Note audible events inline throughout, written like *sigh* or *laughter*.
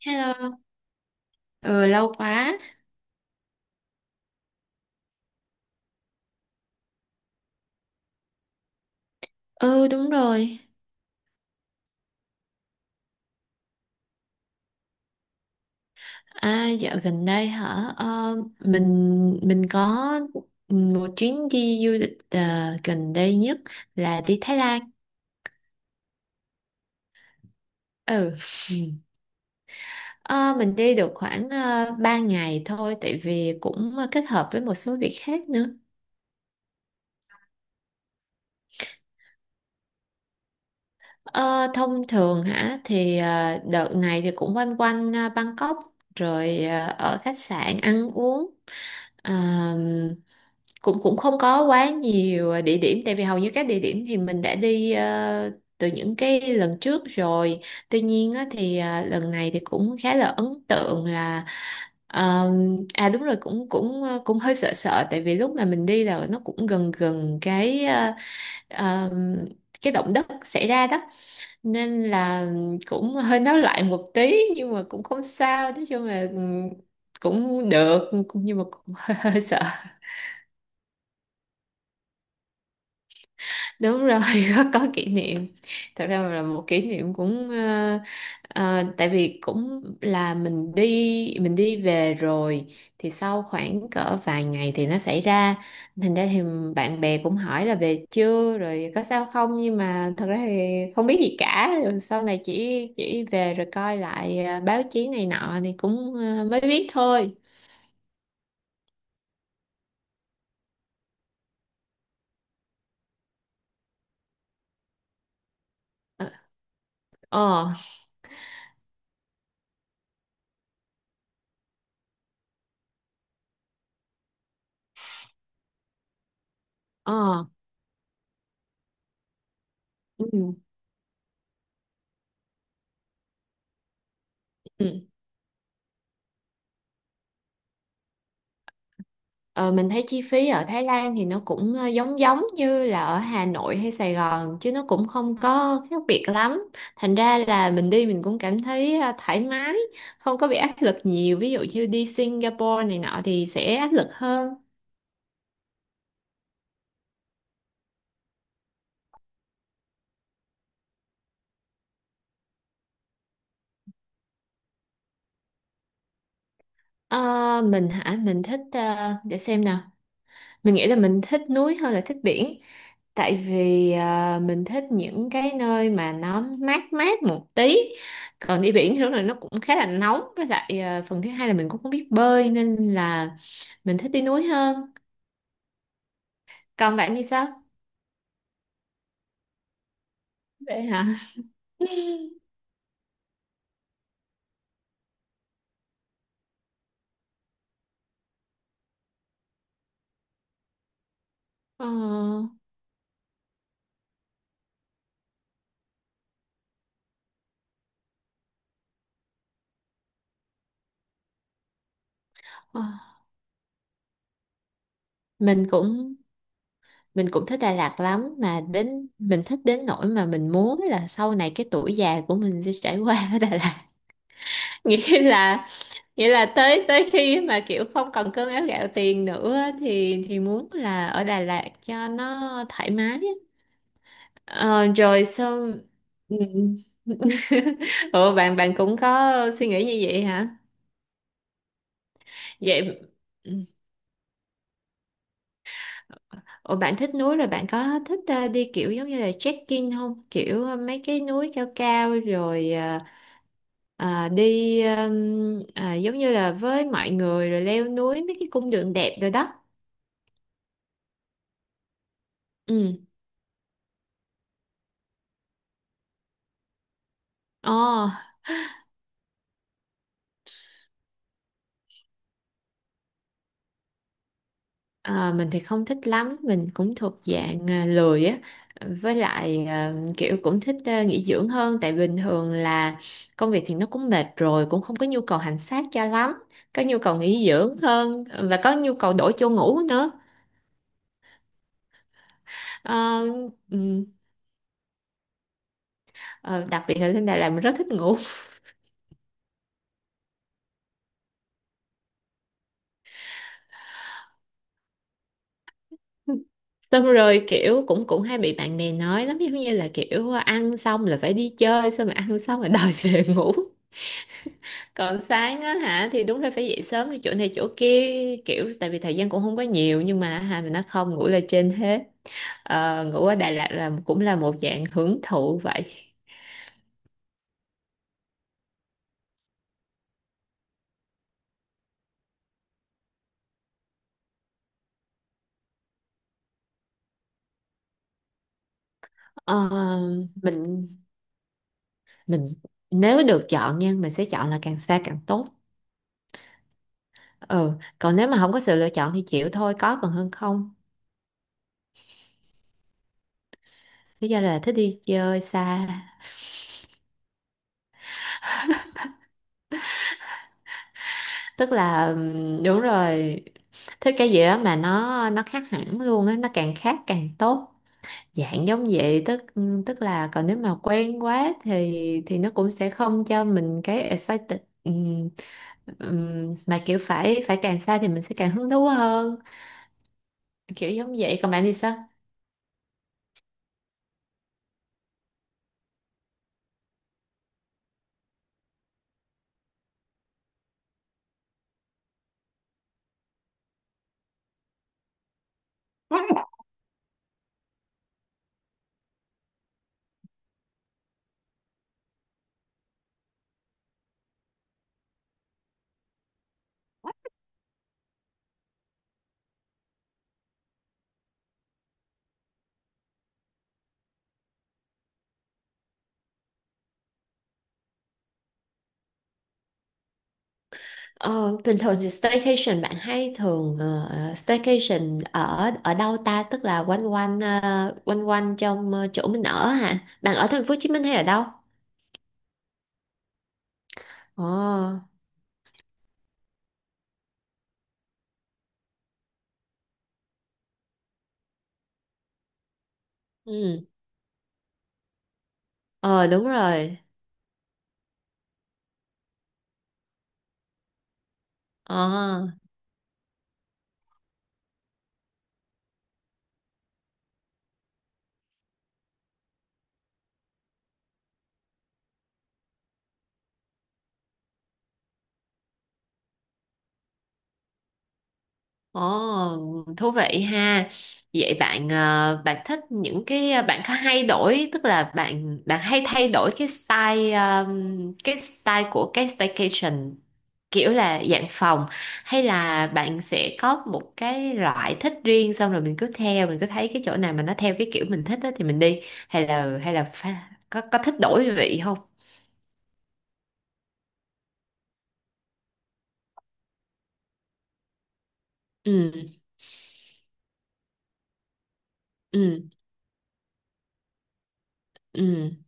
Hello, ừ, lâu quá. Ừ đúng rồi. À dạo gần đây hả? Ờ, mình có một chuyến đi du lịch gần đây nhất là đi Thái Lan. Ừ, Ờ, mình đi được khoảng 3 ngày thôi tại vì cũng kết hợp với một số việc khác nữa. Ờ, Thông thường hả thì đợt này thì cũng quanh quanh Bangkok rồi ở khách sạn ăn uống. Ờ, cũng cũng không có quá nhiều địa điểm tại vì hầu như các địa điểm thì mình đã đi từ những cái lần trước rồi. Tuy nhiên á, thì lần này thì cũng khá là ấn tượng là ờ, à đúng rồi, cũng cũng ờ, cũng hơi sợ sợ tại vì lúc mà mình đi là nó cũng gần gần cái ờ, cái động đất xảy ra đó, nên là cũng hơi nói lại một tí nhưng mà cũng không sao, nói chung là cũng được nhưng mà cũng *laughs* hơi sợ. Đúng rồi *laughs* có kỷ niệm. Thật ra là một kỷ niệm cũng tại vì cũng là mình đi về rồi thì sau khoảng cỡ vài ngày thì nó xảy ra. Thành ra thì bạn bè cũng hỏi là về chưa rồi có sao không, nhưng mà thật ra thì không biết gì cả, rồi sau này chỉ về rồi coi lại báo chí này nọ thì cũng mới biết thôi. ờ ờ ờ, ừ. Ừ. Ờ, mình thấy chi phí ở Thái Lan thì nó cũng giống giống như là ở Hà Nội hay Sài Gòn chứ nó cũng không có khác biệt lắm. Thành ra là mình đi mình cũng cảm thấy thoải mái, không có bị áp lực nhiều. Ví dụ như đi Singapore này nọ thì sẽ áp lực hơn. Ờ, mình hả? Mình thích để xem nào. Mình nghĩ là mình thích núi hơn là thích biển, tại vì à, mình thích những cái nơi mà nó mát mát một tí, còn đi biển thì lúc này nó cũng khá là nóng, với lại à, phần thứ hai là mình cũng không biết bơi, nên là mình thích đi núi hơn. Còn bạn thì sao? Vậy hả. *laughs* Ờ, ờ. Mình cũng mình cũng thích Đà Lạt lắm, mà đến mình thích đến nỗi mà mình muốn là sau này cái tuổi già của mình sẽ trải qua ở Đà Lạt. *laughs* Nghĩa là vậy, là tới tới khi mà kiểu không còn cơm áo gạo tiền nữa á, thì muốn là ở Đà Lạt cho nó thoải mái á. Ờ, rồi xong. Ừ. *laughs* Ủa bạn bạn cũng có suy nghĩ như vậy hả? Vậy. Ừ. Ủa bạn thích núi rồi bạn có thích đi kiểu giống như là trekking không? Kiểu mấy cái núi cao cao rồi đi giống như là với mọi người rồi leo núi mấy cái cung đường đẹp rồi đó. Ừ. Ồ. À, mình thì không thích lắm, mình cũng thuộc dạng à, lười á, với lại à, kiểu cũng thích à, nghỉ dưỡng hơn, tại bình thường là công việc thì nó cũng mệt rồi, cũng không có nhu cầu hành xác cho lắm, có nhu cầu nghỉ dưỡng hơn và có nhu cầu đổi chỗ ngủ nữa. Ờ, ừm, ờ, Đặc biệt là lên Đà Lạt mình rất thích ngủ. *laughs* Xong rồi kiểu cũng cũng hay bị bạn bè nói lắm, giống như là kiểu ăn xong là phải đi chơi, xong rồi ăn xong rồi đòi về ngủ. Còn sáng á hả thì đúng là phải dậy sớm đi chỗ này chỗ kia, kiểu tại vì thời gian cũng không có nhiều, nhưng mà hà mình nó không, ngủ là trên hết. Ờ, ngủ ở Đà Lạt là cũng là một dạng hưởng thụ vậy. Ờ, mình mình nếu được chọn nha mình sẽ chọn là càng xa càng tốt. Ừ, còn nếu mà không có sự lựa chọn thì chịu thôi, có còn hơn không. Lý do là thích đi chơi xa. Tức là đúng rồi, thích cái gì đó mà nó khác hẳn luôn á, nó càng khác càng tốt, dạng giống vậy. Tức tức là còn nếu mà quen quá thì nó cũng sẽ không cho mình cái excited. Mà kiểu phải phải càng xa thì mình sẽ càng hứng thú hơn, kiểu giống vậy. Còn bạn thì sao? Ờ, bình thường thì staycation bạn hay thường staycation ở ở đâu ta, tức là quanh quanh quanh quanh trong chỗ mình ở hả, bạn ở thành phố Hồ Chí Minh hay ở đâu? Ờ, ừ, ờ đúng rồi. Ờ. Ồ, thú vị ha. Vậy bạn bạn thích những cái bạn có hay đổi, tức là bạn bạn hay thay đổi cái style cái style của cái staycation, kiểu là dạng phòng, hay là bạn sẽ có một cái loại thích riêng xong rồi mình cứ theo, mình cứ thấy cái chỗ nào mà nó theo cái kiểu mình thích đó thì mình đi, hay là có thích đổi vị không? Ừ ừ ừ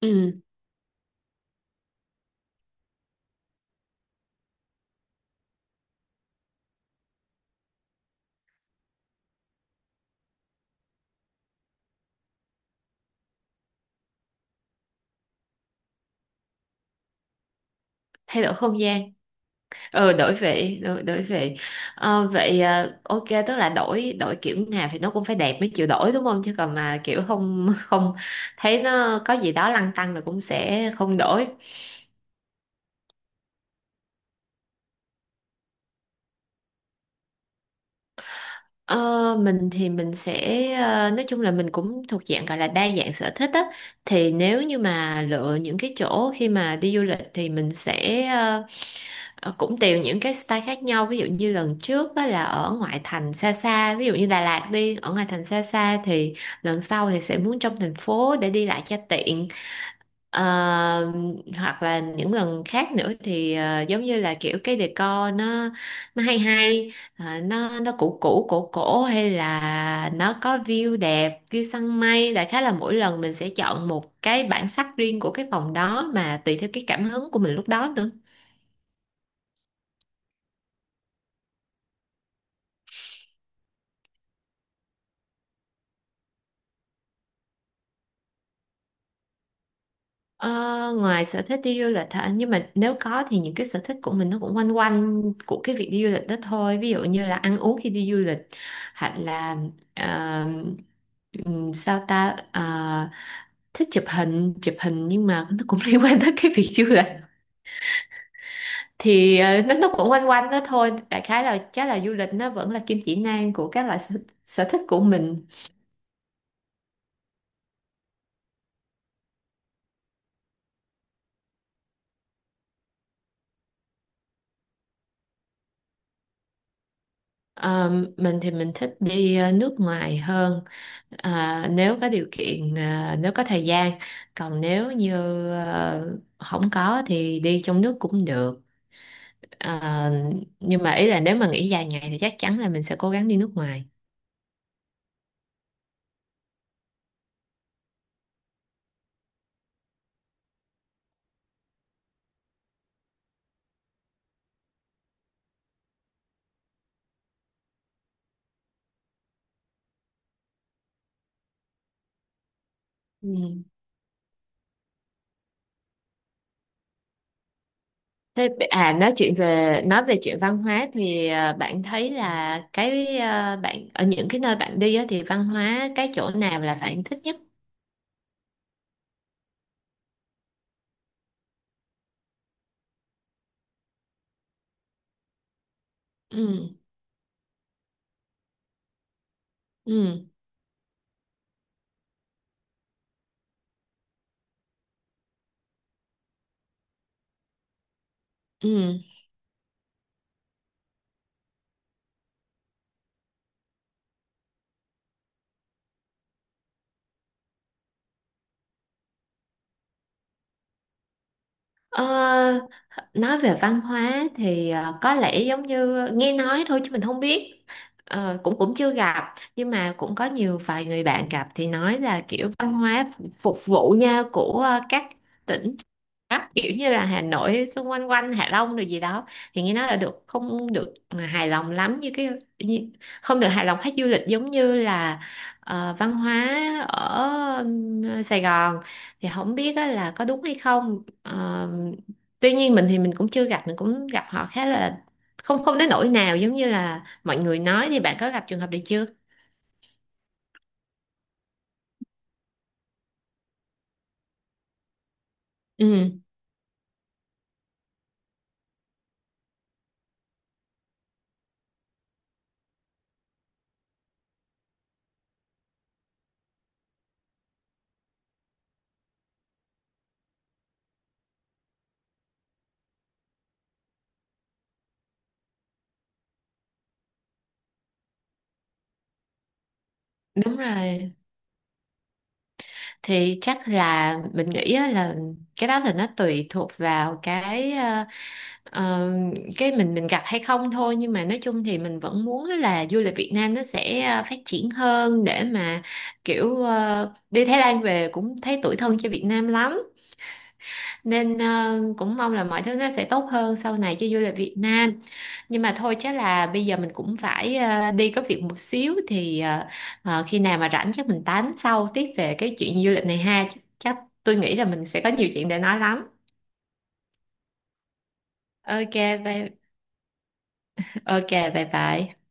ừ Thay đổi không gian. Ừ, đổi vị, đổi vị. Ờ, vậy à, ok, tức là đổi, đổi kiểu nào thì nó cũng phải đẹp mới chịu đổi đúng không, chứ còn mà kiểu không *laughs* không thấy nó có gì đó lăn tăn là cũng sẽ không đổi. Ờ, mình thì mình sẽ nói chung là mình cũng thuộc dạng gọi là đa dạng sở thích á, thì nếu như mà lựa những cái chỗ khi mà đi du lịch thì mình sẽ cũng tùy những cái style khác nhau. Ví dụ như lần trước á là ở ngoại thành xa xa, ví dụ như Đà Lạt đi ở ngoại thành xa xa, thì lần sau thì sẽ muốn trong thành phố để đi lại cho tiện. Ờ, Hoặc là những lần khác nữa thì giống như là kiểu cái decor nó hay hay, nó cũ cũ cổ cổ, hay là nó có view đẹp, view săn mây. Đại khái là mỗi lần mình sẽ chọn một cái bản sắc riêng của cái phòng đó, mà tùy theo cái cảm hứng của mình lúc đó nữa. Ờ, ngoài sở thích đi du lịch hả? Nhưng mà nếu có thì những cái sở thích của mình nó cũng quanh quanh của cái việc đi du lịch đó thôi. Ví dụ như là ăn uống khi đi du lịch, hoặc là ờ, sao ta. Ờ, thích chụp hình nhưng mà nó cũng *laughs* liên quan tới cái việc du lịch. Thì nó cũng quanh quanh đó thôi. Đại khái là chắc là du lịch nó vẫn là kim chỉ nam của các loại sở thích của mình. Ờ, mình thì mình thích đi nước ngoài hơn. Ờ, nếu có điều kiện, nếu có thời gian. Còn nếu như không có thì đi trong nước cũng được. Ờ, nhưng mà ý là nếu mà nghỉ dài ngày thì chắc chắn là mình sẽ cố gắng đi nước ngoài. Ừ. Thế nói chuyện về, nói về chuyện văn hóa thì bạn thấy là cái bạn ở những cái nơi bạn đi á, thì văn hóa cái chỗ nào là bạn thích nhất? ừ ừ ừ Ờ, nói về văn hóa thì có lẽ giống như nghe nói thôi chứ mình không biết. Ờ, cũng cũng chưa gặp, nhưng mà cũng có nhiều vài người bạn gặp thì nói là kiểu văn hóa phục vụ nhau của các tỉnh Bắc, kiểu như là Hà Nội xung quanh quanh Hạ Long rồi gì đó, thì nghe nói là được, không được hài lòng lắm, như cái như, không được hài lòng khách du lịch, giống như là văn hóa ở Sài Gòn, thì không biết á là có đúng hay không. Ờ, tuy nhiên mình thì mình cũng chưa gặp, mình cũng gặp họ khá là không không đến nỗi nào giống như là mọi người nói. Thì bạn có gặp trường hợp này chưa? Ừ đúng rồi. Thì chắc là mình nghĩ á là cái đó là nó tùy thuộc vào cái, Ờ, cái mình gặp hay không thôi, nhưng mà nói chung thì mình vẫn muốn á là du lịch Việt Nam nó sẽ phát triển hơn, để mà kiểu đi Thái Lan về cũng thấy tủi thân cho Việt Nam lắm, nên cũng mong là mọi thứ nó sẽ tốt hơn sau này cho du lịch Việt Nam. Nhưng mà thôi, chắc là bây giờ mình cũng phải đi có việc một xíu, thì khi nào mà rảnh chắc mình tám sau tiếp về cái chuyện du lịch này ha. Chắc tôi nghĩ là mình sẽ có nhiều chuyện để nói lắm. Ok. Bye. Ok. Bye bye.